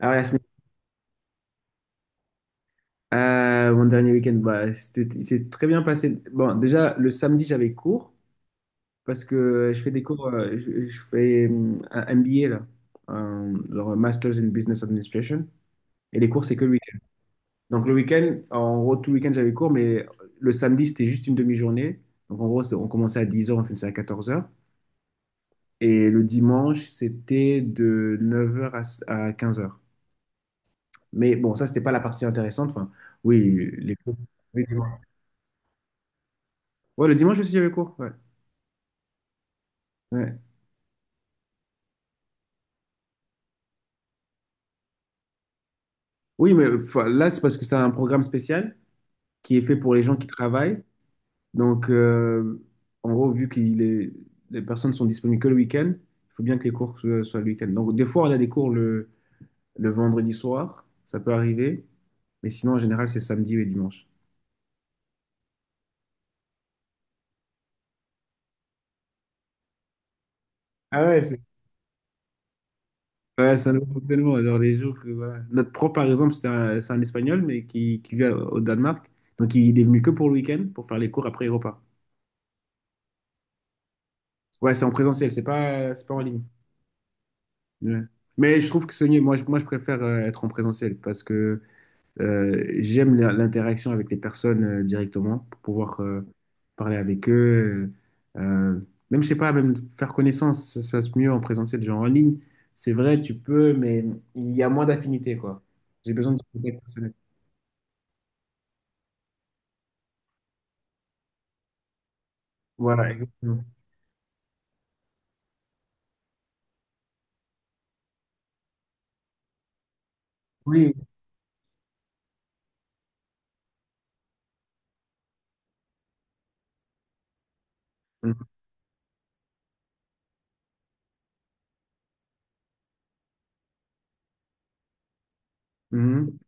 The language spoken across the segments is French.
Ah ouais, la mon dernier week-end, il s'est très bien passé. Bon, déjà, le samedi, j'avais cours parce que je fais des cours, je fais un MBA, là, genre un Masters in Business Administration. Et les cours, c'est que le week-end. Donc, le week-end, en gros, tout le week-end, j'avais cours, mais le samedi, c'était juste une demi-journée. Donc, en gros, on commençait à dix heures, on finissait à quatorze heures. Et le dimanche, c'était de neuf heures à quinze heures. Mais bon, ça, c'était pas la partie intéressante. Enfin, oui, les cours. Oui, ouais, le dimanche aussi, j'avais cours. Ouais. Ouais. Oui, mais enfin, là, c'est parce que c'est un programme spécial qui est fait pour les gens qui travaillent. Donc, en gros, vu que les personnes sont disponibles que le week-end, il faut bien que les cours soient le week-end. Donc, des fois, on a des cours le vendredi soir, ça peut arriver. Mais sinon, en général, c'est samedi et dimanche. Ah ouais, c'est ouais, c'est un nouveau fonctionnement. Alors, les jours que, voilà. Notre prof, par exemple, c'est un Espagnol, mais qui vit au Danemark. Donc, il est venu que pour le week-end pour faire les cours, après, il repart. Ouais, c'est en présentiel, c'est pas en ligne. Ouais. Mais je trouve que Sony, moi, je préfère être en présentiel parce que j'aime l'interaction avec les personnes directement pour pouvoir parler avec eux. euh, euh, Même, je sais pas, même faire connaissance, ça se passe mieux en présentiel, genre en ligne. C'est vrai, tu peux, mais il y a moins d'affinité, quoi. J'ai besoin de contact personnel. Voilà, exactement. Oui. Mhm. Mhm.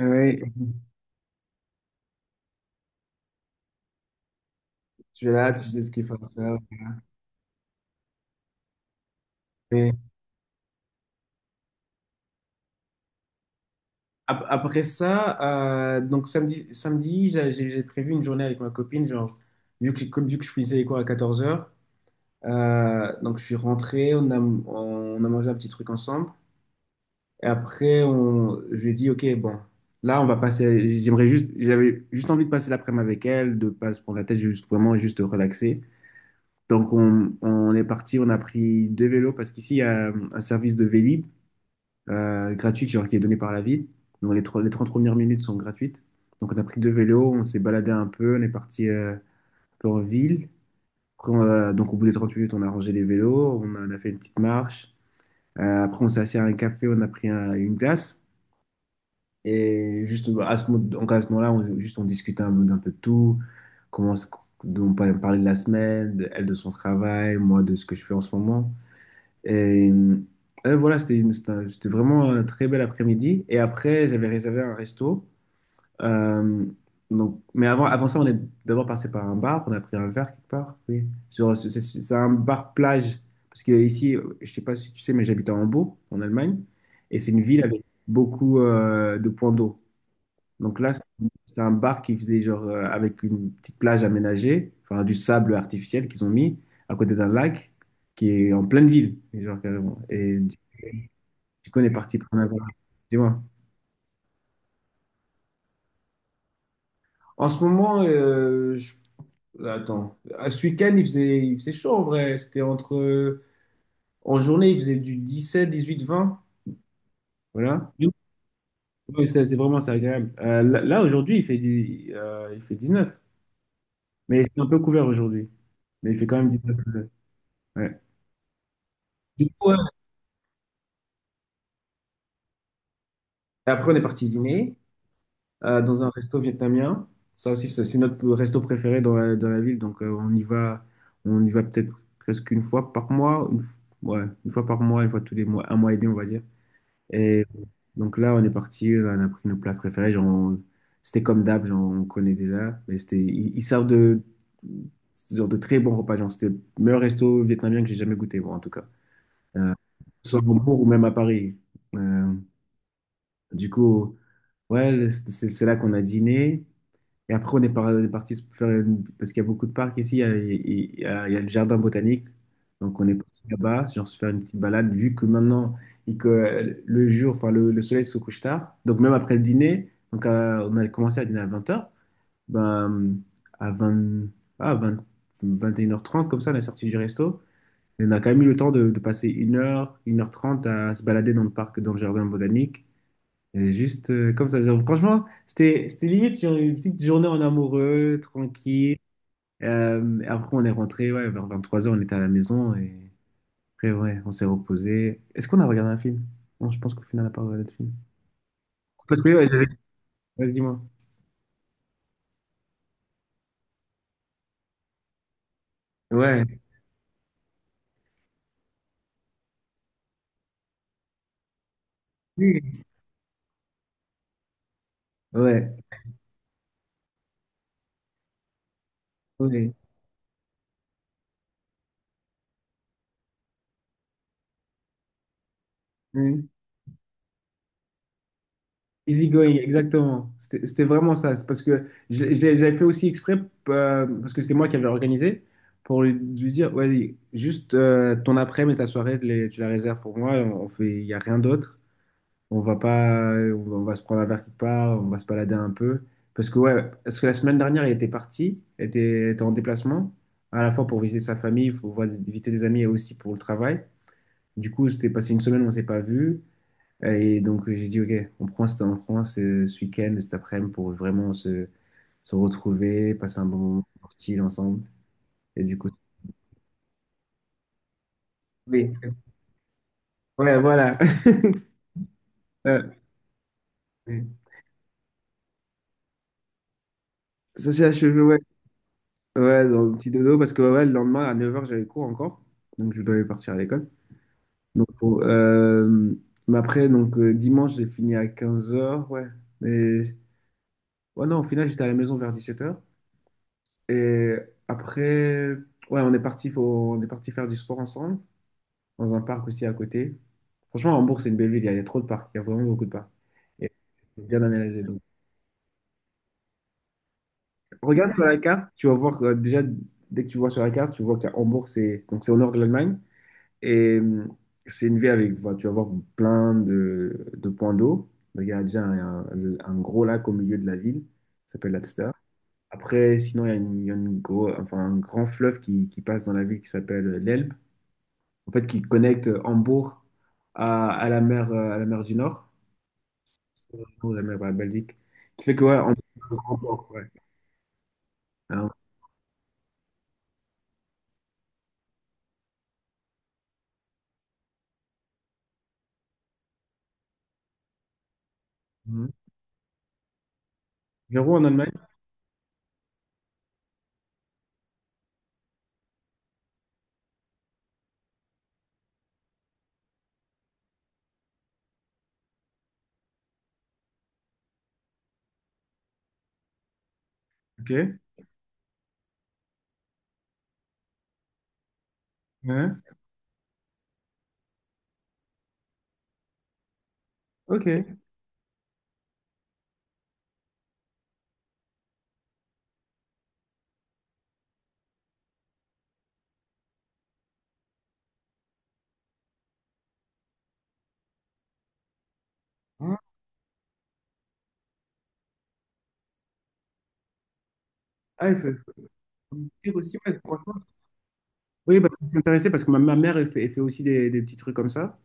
Ouais. Tu es là, tu sais ce qu'il faut faire. Après ça, donc samedi, samedi j'ai prévu une journée avec ma copine, genre, vu que, comme vu que je finissais les cours à 14h, donc je suis rentré, on a mangé un petit truc ensemble, et après, je lui ai dit, ok, bon, là, j'aimerais juste, j'avais juste envie de passer l'après-midi avec elle, de pas se prendre la tête, juste vraiment, juste relaxer. On est parti, on a pris deux vélos, parce qu'ici, il y a un service de Vélib, gratuite, genre qui est donnée par la ville. Donc les 30 premières minutes sont gratuites. Donc on a pris deux vélos, on s'est baladé un peu, on est parti un peu en ville. Après, donc au bout des 30 minutes, on a rangé les vélos, on a fait une petite marche. Après, on s'est assis à un café, on a pris une glace. Et juste bah, donc à ce moment-là, juste on discutait d'un peu de tout. Comment, on parlait de la semaine, elle de son travail, moi de ce que je fais en ce moment. Et voilà, c'était vraiment un très bel après-midi. Et après, j'avais réservé un resto. Euh, donc, mais avant, avant ça, on est d'abord passé par un bar. On a pris un verre quelque part. Oui. Sur, c'est un bar plage. Parce que ici, je sais pas si tu sais, mais j'habite à Hambourg, en Allemagne. Et c'est une ville avec beaucoup de points d'eau. Donc là, c'était un bar qui faisait genre avec une petite plage aménagée, enfin du sable artificiel qu'ils ont mis à côté d'un lac qui est en pleine ville. Et genre carrément. Du coup, on est parti prendre un verre. Dis-moi. En ce moment, attends, à ce week-end, il faisait chaud en vrai. En journée, il faisait du 17, 18, 20. Voilà. Ouais, ça, c'est agréable. Là, aujourd'hui, il fait 19. Mais c'est un peu couvert aujourd'hui. Mais il fait quand même 19. Ouais. Du coup, Et après, on est parti dîner dans un resto vietnamien. Ça aussi, c'est notre resto préféré dans la ville. Donc, on y va peut-être presque une fois par mois. Ouais, une fois par mois, une fois tous les mois, un mois et demi, on va dire. Et donc là, on est parti, on a pris nos plats préférés. C'était comme d'hab, genre, on connaît déjà. Mais ils servent genre, de très bons repas. Genre, c'était le meilleur resto vietnamien que j'ai jamais goûté, bon en tout cas. Soit à Hambourg ou même à Paris. Euh, Du coup, ouais, c'est là qu'on a dîné. Et après, on est parti se faire parce qu'il y a beaucoup de parcs ici. Il y a le jardin botanique. Donc, on est parti là-bas, genre se faire une petite balade. Vu que maintenant, que le jour, enfin, le soleil se couche tard. Donc, même après le dîner, donc, on a commencé à dîner à 20 heures. Ben, à 20 ah, vingt Vingt et une heures trente, comme ça, on est sorti du resto. Et on a quand même eu le temps de passer une heure trente à se balader dans le parc, dans le jardin botanique. Et juste comme ça. Genre, franchement, c'était limite genre, une petite journée en amoureux, tranquille. Après, on est rentré, ouais, vers trois heures on était à la maison. Et après, ouais, on s'est reposé. Est-ce qu'on a regardé un film? Non, je pense qu'au final, on n'a pas regardé de film. Parce que, ouais, j'avais... Vas-y, moi. Ouais. Oui. Ouais. Ouais. Ouais. Easygoing, exactement. C'était vraiment ça. C'est parce que j'avais fait aussi exprès, parce que c'était moi qui avais organisé, pour lui, lui dire, vas-y, juste ton après-midi et ta soirée, tu la réserves pour moi. On fait, il n'y a rien d'autre. On va pas, on va se prendre un verre quelque part, on va se balader un peu. Parce que, ouais, parce que la semaine dernière, il était parti, il était, était en déplacement, à la fois pour visiter sa famille, visiter des amis et aussi pour le travail. Du coup, c'était passé une semaine, on ne s'est pas vu. Et donc, j'ai dit, OK, on prend ce week-end, cet après-midi pour vraiment se retrouver, passer un bon moment chill ensemble. Et du coup, oui, ouais, voilà. Euh, ça s'est achevé, ouais. Ouais, dans le petit dodo, parce que ouais, le lendemain, à 9h, j'avais cours encore. Donc, je devais partir à l'école. Donc, bon, mais après, donc, dimanche, j'ai fini à 15h, ouais. Mais, ouais, non, au final, j'étais à la maison vers 17h. Et après, ouais, on est parti faire du sport ensemble dans un parc aussi à côté. Franchement, Hambourg, c'est une belle ville, il y a trop de parcs, il y a vraiment beaucoup de parcs. Et c'est bien aménagé. Donc, regarde sur la carte, tu vas voir que déjà, dès que tu vois sur la carte, tu vois que Hambourg, c'est au nord de l'Allemagne. Et c'est une ville avec, voilà, tu vas voir plein de points d'eau. Donc, il y a déjà un gros lac au milieu de la ville, ça s'appelle l'Alster. Après, sinon, il y a enfin, un grand fleuve qui passe dans la ville qui s'appelle l'Elbe, en fait, qui connecte Hambourg à la mer du Nord. Ou la mer, ouais, Belgique. Qui fait que, ouais, on remporte, ouais. Alors, mhm. 0 en Allemagne, ok. Ouais. Ok. Ah, ah, il faut Faut me dire aussi, ouais, franchement. Oui, parce que je suis intéressé parce que ma mère, elle fait aussi des petits trucs comme ça.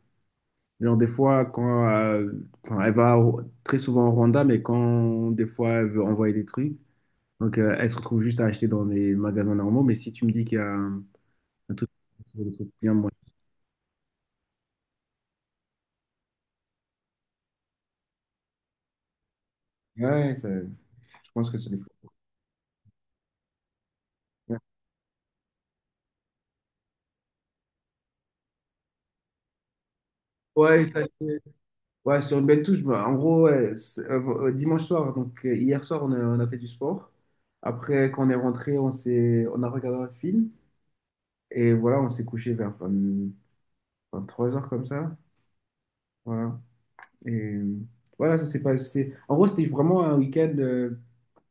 Genre, des fois, quand enfin, très souvent au Rwanda, mais quand des fois elle veut envoyer des trucs, donc elle se retrouve juste à acheter dans les magasins normaux. Mais si tu me dis qu'il y a un truc, des trucs bien moins. Ouais, ça- je pense que c'est des fois. Ouais, ça, c'est- Ouais, sur une belle touche. Bah, en gros, ouais, dimanche soir, donc hier soir, on a fait du sport. Après, quand on est rentré, on a regardé un film. Et voilà, on s'est couché vers 20 23 heures comme ça. Voilà. Et voilà, ça s'est passé. En gros, c'était vraiment un week-end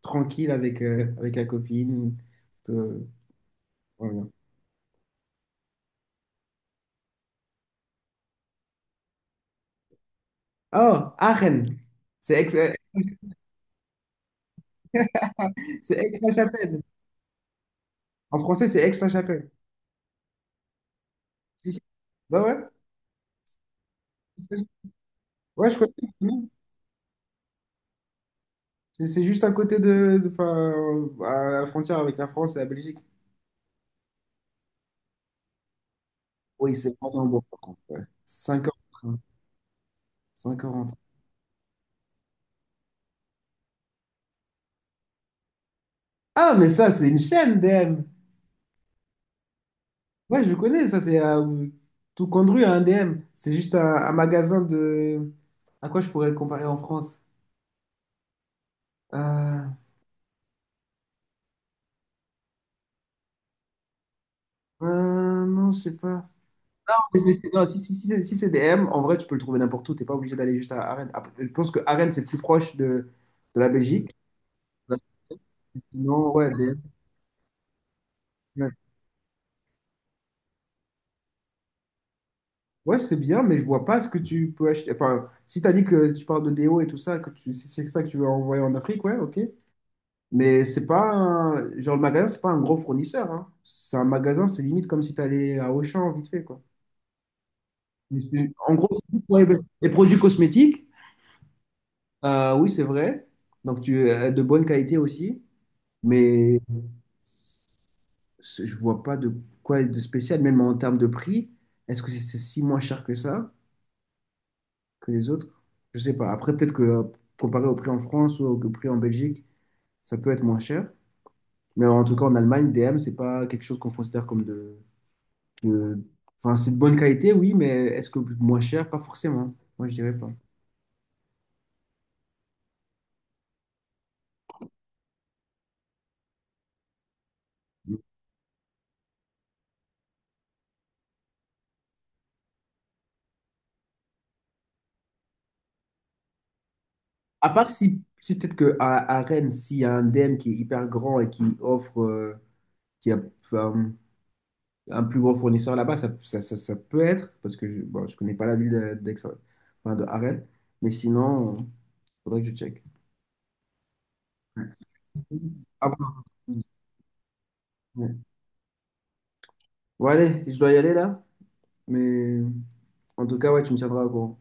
tranquille avec, avec la copine. Tout- euh, voilà. Oh, Aachen! C'est Aix, euh, c'est Aix-la-Chapelle. En français, c'est Aix-la-Chapelle. Si, si. Bah ouais. Ouais, je connais. C'est juste à côté enfin, à la frontière avec la France et la Belgique. Oui, c'est Brandenbourg, par contre. Ouais. Cinq heures de train. 5 heures en train. Ah, mais ça, c'est une chaîne, DM. Ouais, je connais, c'est à tout conduit à un DM. C'est juste un magasin de. À quoi je pourrais le comparer en France? Euh, non, je sais pas. Non, si, c'est DM, en vrai, tu peux le trouver n'importe où. T'es pas obligé d'aller juste à Arène. Après, je pense que Arène, c'est plus proche de la Belgique. Non, ouais, DM. Ouais, c'est bien, mais je vois pas ce que tu peux acheter. Enfin, si t'as dit que tu parles de déo et tout ça, que tu... si c'est ça que tu veux envoyer en Afrique, ouais, ok. Mais c'est pas un... Genre, le magasin, c'est pas un gros fournisseur, hein. C'est un magasin, c'est limite comme si t'allais à Auchan vite fait, quoi. En gros, c'est juste pour les produits cosmétiques, oui, c'est vrai. Donc, tu as de bonne qualité aussi. Mais je vois pas de quoi de spécial, même en termes de prix. Est-ce que C'est si moins cher que ça que les autres. Je sais pas. Après, peut-être que comparé au prix en France ou au prix en Belgique, ça peut être moins cher. Mais en tout cas, en Allemagne, DM, c'est pas quelque chose qu'on considère comme de- enfin, c'est de bonne qualité, oui, mais est-ce que moins cher? Pas forcément. Moi, je dirais pas. À part si, si peut-être que à Rennes, s'il y a un DM qui est hyper grand et qui offre, qui a enfin, un plus gros fournisseur là-bas, ça peut être, parce que je, bon, je connais pas la ville d'Aix, enfin, de à Rennes, mais sinon, faudrait que je check. Ah bon. Ouais. Bon, allez, je dois y aller là. Mais en tout cas, ouais, tu me tiendras au courant.